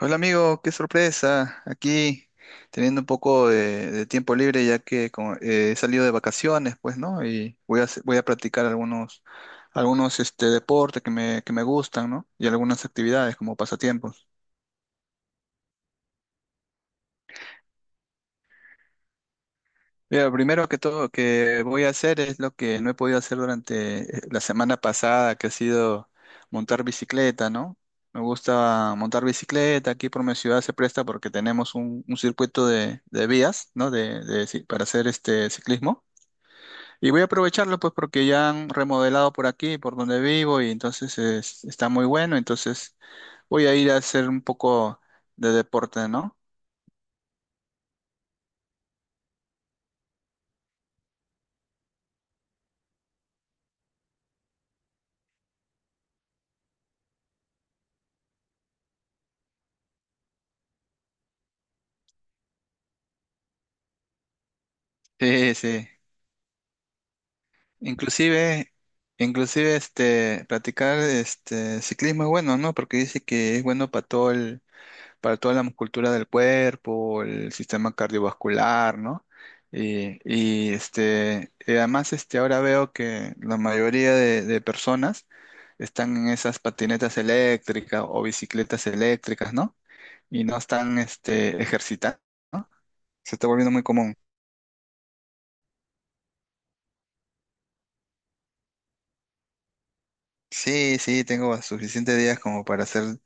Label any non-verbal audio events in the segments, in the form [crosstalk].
Hola amigo, qué sorpresa. Aquí teniendo un poco de tiempo libre ya que como, he salido de vacaciones, pues, ¿no? Y voy a, voy a practicar algunos deportes que me gustan, ¿no? Y algunas actividades como pasatiempos. Mira, lo primero que todo que voy a hacer es lo que no he podido hacer durante la semana pasada, que ha sido montar bicicleta, ¿no? Me gusta montar bicicleta, aquí por mi ciudad se presta porque tenemos un circuito de vías, ¿no? De para hacer este ciclismo. Y voy a aprovecharlo pues porque ya han remodelado por aquí, por donde vivo, y entonces está muy bueno, entonces voy a ir a hacer un poco de deporte, ¿no? Sí, sí. Inclusive, inclusive, practicar este ciclismo es bueno, ¿no? Porque dice que es bueno para toda la musculatura del cuerpo, el sistema cardiovascular, ¿no? Y además este, ahora veo que la mayoría de personas están en esas patinetas eléctricas o bicicletas eléctricas, ¿no? Y no están este, ejercitando, ¿no? Se está volviendo muy común. Sí, sí, tengo suficientes días como para hacer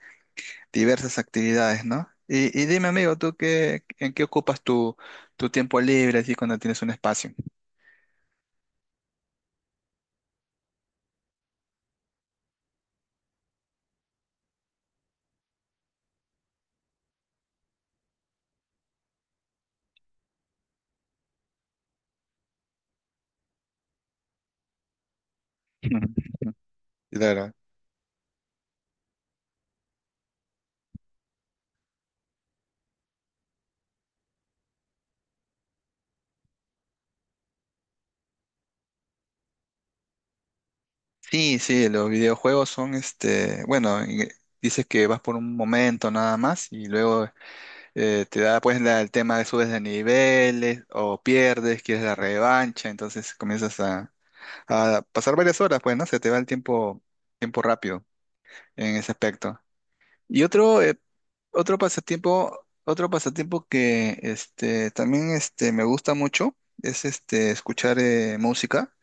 diversas actividades, ¿no? Y dime, amigo, ¿ en qué ocupas tu tiempo libre así cuando tienes un espacio? [laughs] Claro. Sí, sí, los videojuegos son, este, bueno, dices que vas por un momento nada más y luego te da pues el tema de subes de niveles o pierdes, quieres la revancha, entonces comienzas a pasar varias horas, pues, ¿no? Se te va el tiempo, tiempo rápido en ese aspecto. Y otro, otro pasatiempo, otro pasatiempo que me gusta mucho es este, escuchar música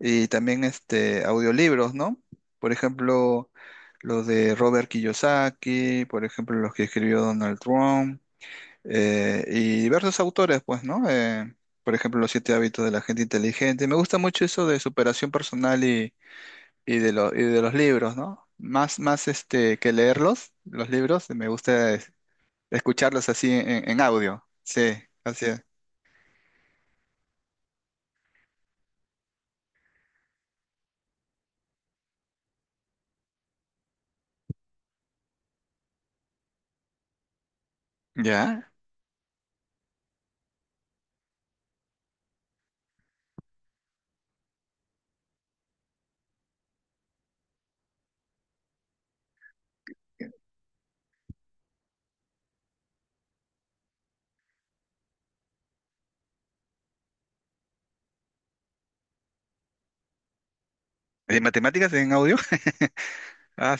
y también este, audiolibros, ¿no? Por ejemplo, los de Robert Kiyosaki, por ejemplo, los que escribió Donald Trump y diversos autores, pues, ¿no? Por ejemplo, Los siete hábitos de la gente inteligente. Me gusta mucho eso de superación personal y, y de los libros, ¿no? Más que leerlos, los libros, me gusta escucharlos así en audio. Sí, así es. ¿Ya? ¿De matemáticas en audio? [laughs] Ah,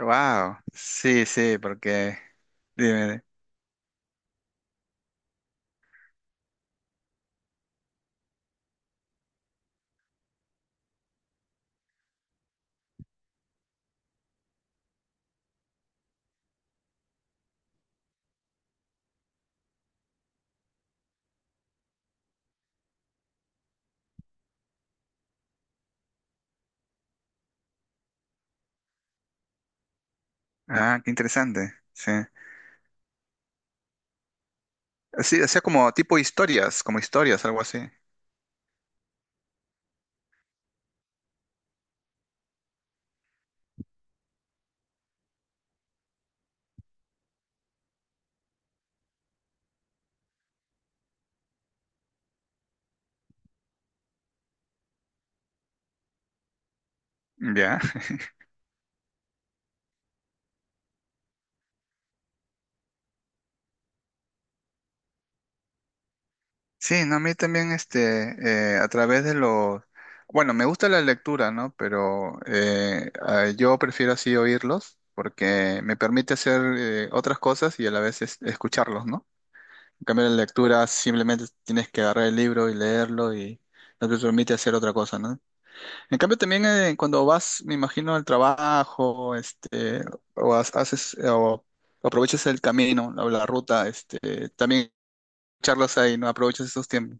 wow. Sí, sí, porque. Dime. Ah, qué interesante. Sí. Sí, o sea, como tipo historias, como historias, algo así. Ya. Sí, no, a mí también, este, a través de los. Bueno, me gusta la lectura, ¿no? Pero yo prefiero así oírlos porque me permite hacer otras cosas y a la vez escucharlos, ¿no? En cambio, la lectura simplemente tienes que agarrar el libro y leerlo y no te permite hacer otra cosa, ¿no? En cambio, también cuando vas, me imagino, al trabajo, este, o aprovechas el camino, la ruta, este, también charlas ahí, ¿no? Aprovechas esos tiempos,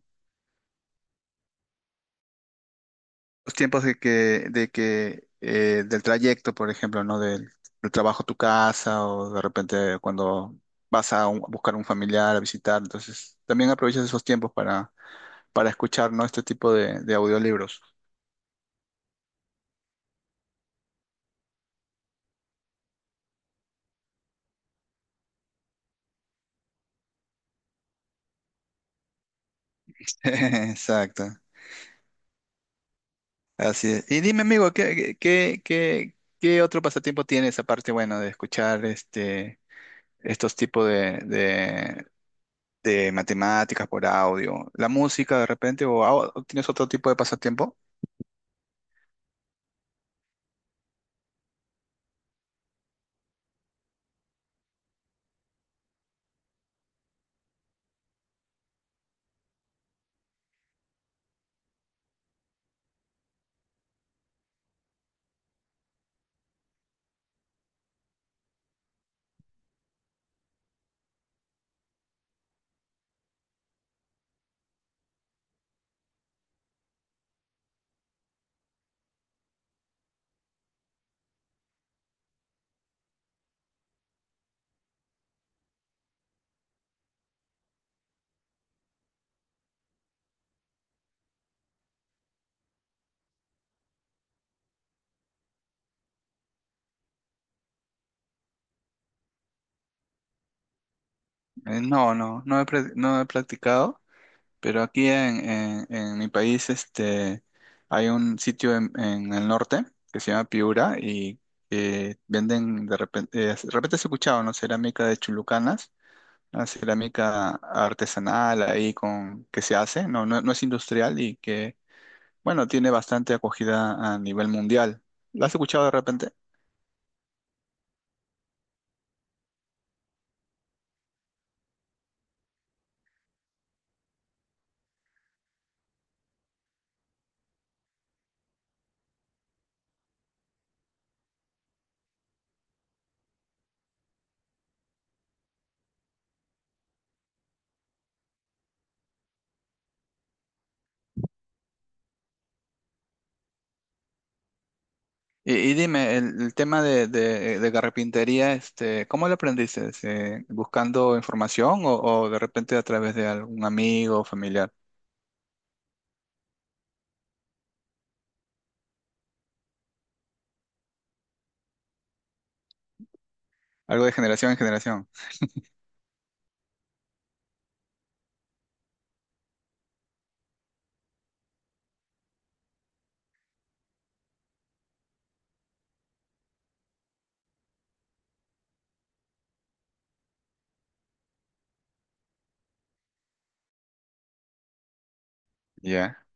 los tiempos del trayecto, por ejemplo, ¿no? Del, del trabajo a tu casa, o de repente cuando vas a, a buscar a un familiar, a visitar, entonces también aprovechas esos tiempos para escuchar, ¿no? Este tipo de audiolibros. [laughs] Exacto. Así es. Y dime, amigo, ¿ qué otro pasatiempo tienes aparte, bueno, de escuchar este, estos tipos de matemáticas por audio. ¿La música de repente o tienes otro tipo de pasatiempo? No, no, no he, no he practicado. Pero aquí en, en mi país este, hay un sitio en el norte que se llama Piura y venden de repente has escuchado, ¿no? Cerámica de Chulucanas, una cerámica artesanal ahí con que se hace, no, no, no es industrial y que, bueno, tiene bastante acogida a nivel mundial. ¿La has escuchado de repente? Y dime, el tema de carpintería, este, ¿cómo lo aprendiste? Buscando información o de repente a través de algún amigo o familiar? Algo de generación en generación. Ya.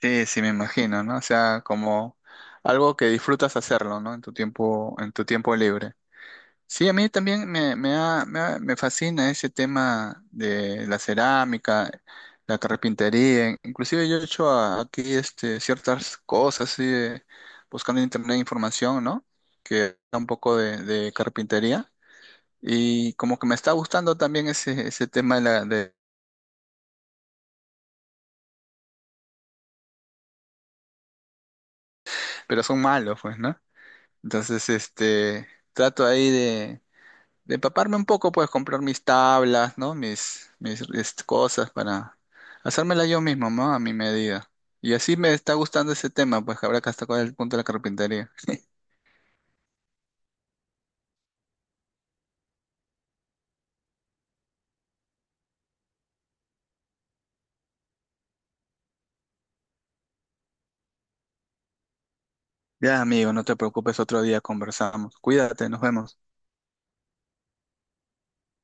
Sí, sí, me imagino, ¿no? O sea, como algo que disfrutas hacerlo, ¿no? En tu tiempo libre. Sí, a mí también me fascina ese tema de la cerámica, la carpintería. Inclusive yo he hecho aquí este, ciertas cosas, así buscando en internet información, ¿no? Que da un poco de carpintería. Y como que me está gustando también ese tema de la... De, pero son malos, pues, ¿no? Entonces, este, trato ahí de empaparme un poco, pues comprar mis tablas, ¿no? Mis este, cosas para hacérmela yo mismo, ¿no? A mi medida. Y así me está gustando ese tema, pues que habrá que hasta cuál es el punto de la carpintería. Ya, amigo, no te preocupes, otro día conversamos. Cuídate, nos vemos.